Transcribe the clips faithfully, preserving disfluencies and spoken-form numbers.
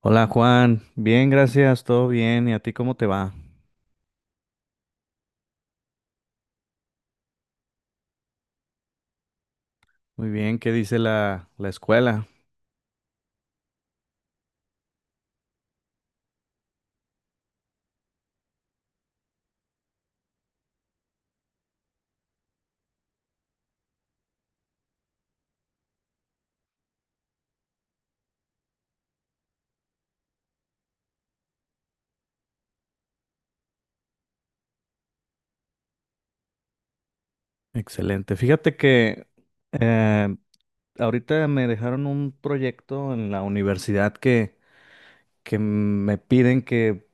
Hola Juan, bien, gracias, todo bien. ¿Y a ti cómo te va? Muy bien, ¿qué dice la, la escuela? Excelente. Fíjate que eh, ahorita me dejaron un proyecto en la universidad que, que me piden que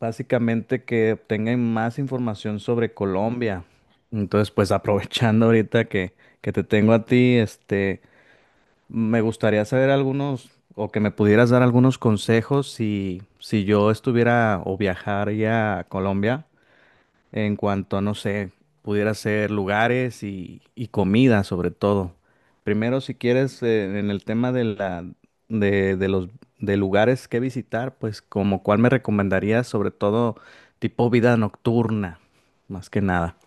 básicamente que obtengan más información sobre Colombia. Entonces, pues aprovechando ahorita que, que te tengo a ti, este... Me gustaría saber algunos o que me pudieras dar algunos consejos si, si yo estuviera o viajaría a Colombia en cuanto, no sé, pudiera ser lugares y, y comida sobre todo. Primero, si quieres, eh, en el tema de la, de, de los de lugares que visitar, pues como cuál me recomendarías, sobre todo tipo vida nocturna, más que nada.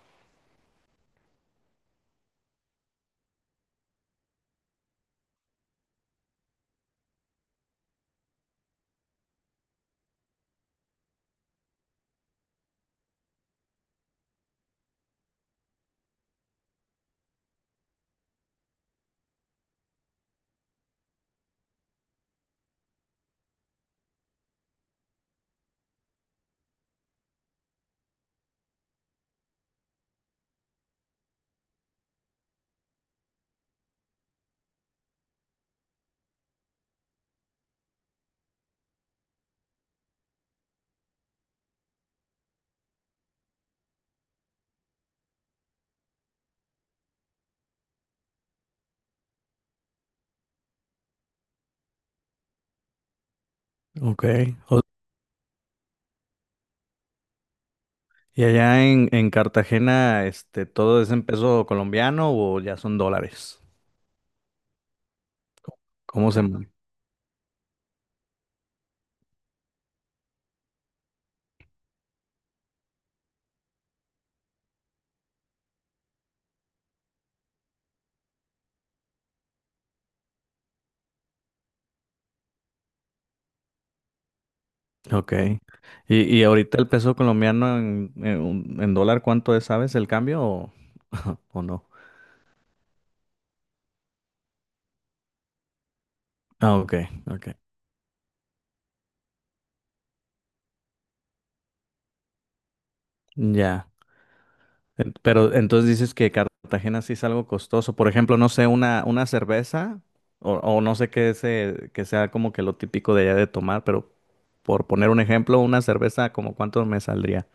Ok. O, ¿y allá en, en Cartagena, este, todo es en peso colombiano o ya son dólares? ¿Cómo se...? Mu- Ok. ¿Y, y ahorita el peso colombiano en, en un- en dólar cuánto es, sabes, el cambio o, o no? Ah, ok, ok. Ya. En- Pero entonces dices que Cartagena sí es algo costoso. Por ejemplo, no sé, una, una cerveza o, o no sé qué se, que sea como que lo típico de allá de tomar, pero por poner un ejemplo, una cerveza como cuánto me saldría.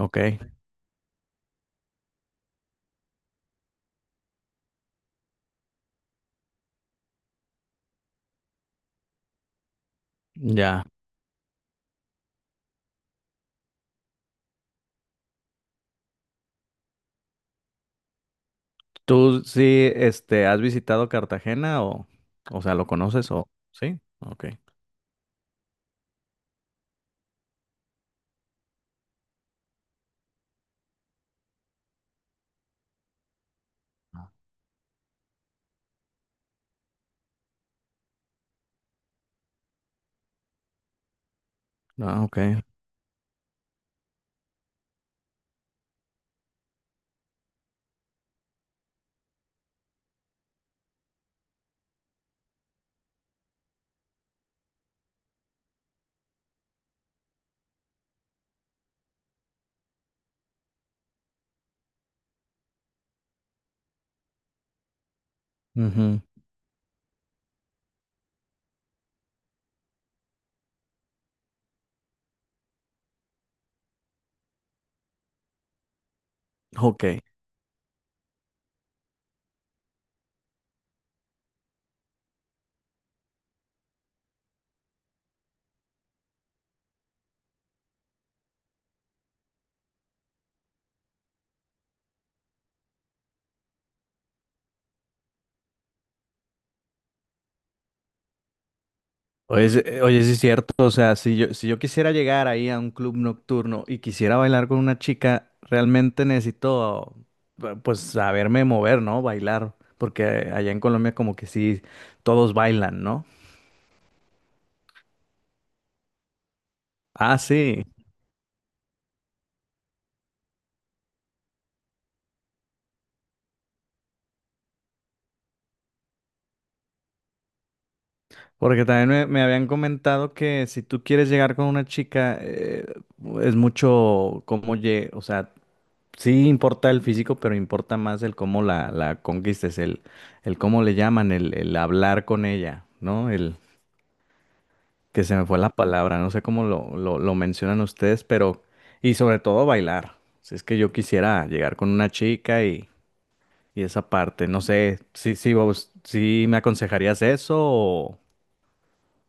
Ok, ya. ¿Tú sí, este, has visitado Cartagena o, o sea, lo conoces o sí? Ok. Ah, ah, ok. Ujú. Ok. Oye, sí- eh, oye, sí es cierto, o sea, si yo, si yo quisiera llegar ahí a un club nocturno y quisiera bailar con una chica, realmente necesito, eh, pues, saberme mover, ¿no? Bailar, porque allá en Colombia como que sí, todos bailan, ¿no? Ah, sí. Porque también me, me habían comentado que si tú quieres llegar con una chica, eh, es mucho cómo lle, o sea, sí importa el físico, pero importa más el cómo la, la conquistes, el, el cómo le llaman, el, el hablar con ella, ¿no? El que se me fue la palabra, no sé cómo lo, lo, lo mencionan ustedes, pero, y sobre todo bailar. Si es que yo quisiera llegar con una chica y, y esa parte, no sé, si, si vos, si me aconsejarías eso o...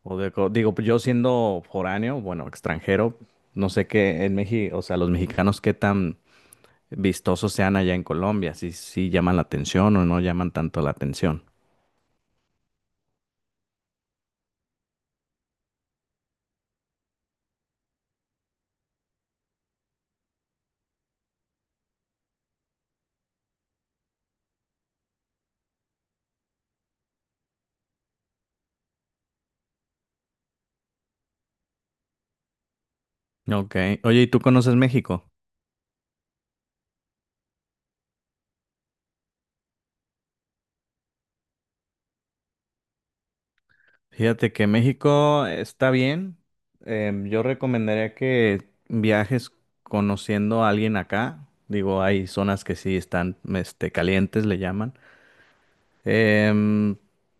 O de co- digo, pues, yo siendo foráneo, bueno, extranjero, no sé qué en México, o sea, los mexicanos qué tan vistosos sean allá en Colombia, si si llaman la atención o no llaman tanto la atención. Ok, oye, ¿y tú conoces México? Fíjate que México está bien. Em, yo recomendaría que viajes conociendo a alguien acá. Digo, hay zonas que sí están, este, calientes, le llaman. Em,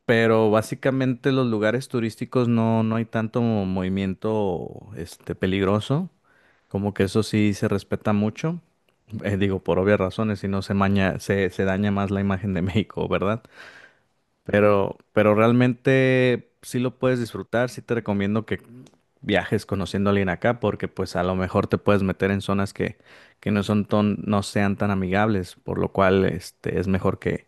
pero básicamente los lugares turísticos no, no hay tanto movimiento este, peligroso, como que eso sí se respeta mucho. Eh, digo, por obvias razones, si no se maña, se, se daña más la imagen de México, ¿verdad? Pero, pero realmente sí lo puedes disfrutar, sí te recomiendo que viajes conociendo a alguien acá, porque pues a lo mejor te puedes meter en zonas que, que no son ton- no sean tan amigables, por lo cual este, es mejor que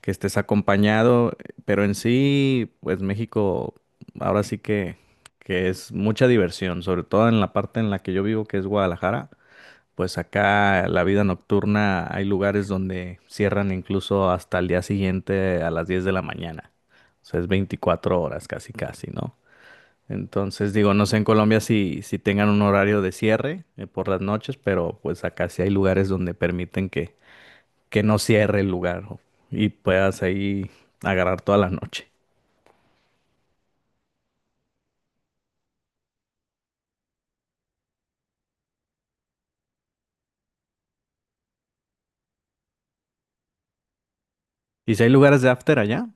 que estés acompañado, pero en sí, pues México ahora sí que, que es mucha diversión, sobre todo en la parte en la que yo vivo, que es Guadalajara, pues acá la vida nocturna hay lugares donde cierran incluso hasta el día siguiente a las diez de la mañana, o sea, es veinticuatro horas casi casi, ¿no? Entonces digo, no sé en Colombia si, si tengan un horario de cierre eh, por las noches, pero pues acá sí hay lugares donde permiten que, que no cierre el lugar o- y puedas ahí agarrar toda la noche. ¿Y si hay lugares de after allá?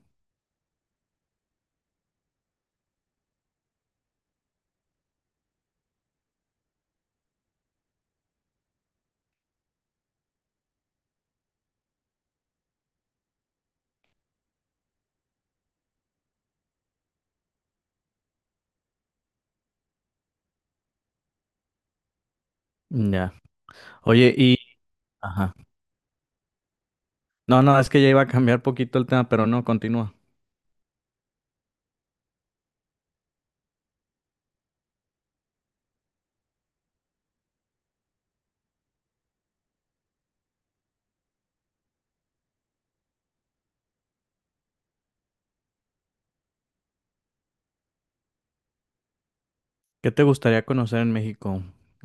Ya. Oye, y... Ajá. No, no, es que ya iba a cambiar poquito el tema, pero no, continúa. ¿Qué te gustaría conocer en México?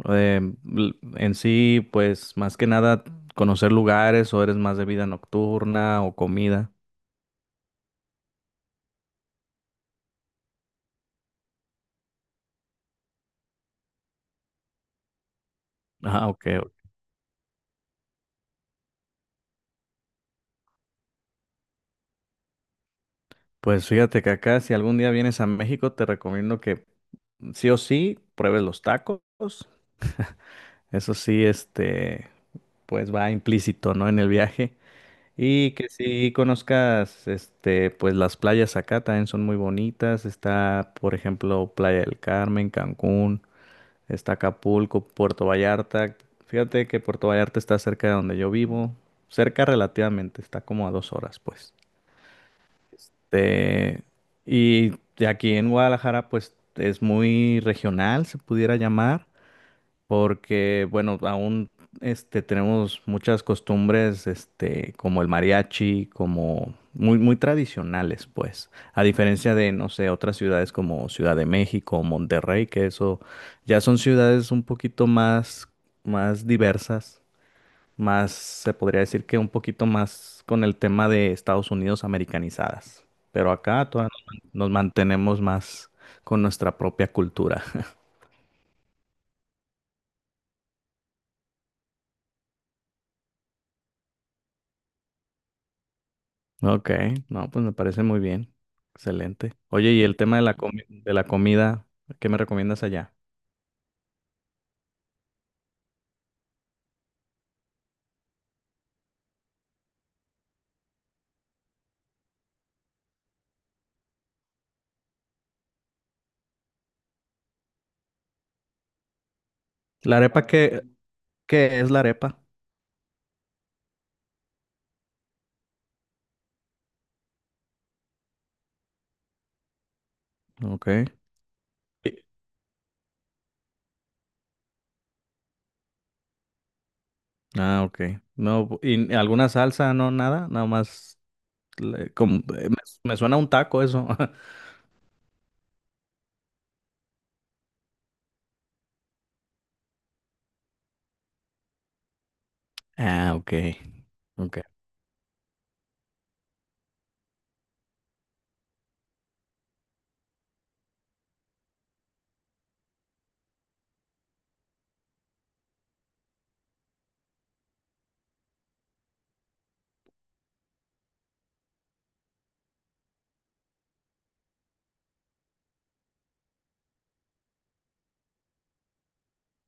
Eh, l- en sí, pues más que nada conocer lugares o eres más de vida nocturna o comida. Ah, ok. Ok. Pues fíjate que acá, si algún día vienes a México, te recomiendo que sí o sí pruebes los tacos. Eso sí, este, pues va implícito, ¿no? En el viaje. Y que sí conozcas, este, pues las playas acá también son muy bonitas. Está, por ejemplo, Playa del Carmen, Cancún, está Acapulco, Puerto Vallarta. Fíjate que Puerto Vallarta está cerca de donde yo vivo. Cerca relativamente, está como a dos horas, pues. Este, y de aquí en Guadalajara, pues es muy regional, se pudiera llamar porque, bueno, aún este, tenemos muchas costumbres este, como el mariachi, como muy, muy tradicionales, pues, a diferencia de, no sé, otras ciudades como Ciudad de México o Monterrey, que eso ya son ciudades un poquito más, más diversas, más, se podría decir que un poquito más con el tema de Estados Unidos americanizadas. Pero acá todavía nos nos mantenemos más con nuestra propia cultura. Ok, no, pues me parece muy bien. Excelente. Oye, y el tema de la comi- de la comida, ¿qué me recomiendas allá? ¿La arepa qué, qué es la arepa? Ok. Y- ah, ok. No, bu- ¿y alguna salsa? No, nada, nada más. Le- como- eh, me, me suena a un taco eso. Ah, ok. Ok.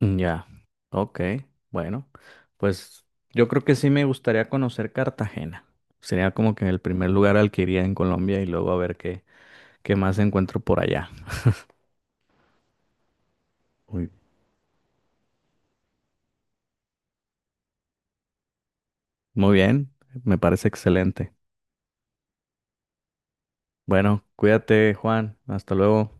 Ya. Ok. Bueno, pues yo creo que sí me gustaría conocer Cartagena. Sería como que el primer lugar al que iría en Colombia y luego a ver qué, qué más encuentro por allá. Muy, muy bien, me parece excelente. Bueno, cuídate, Juan. Hasta luego.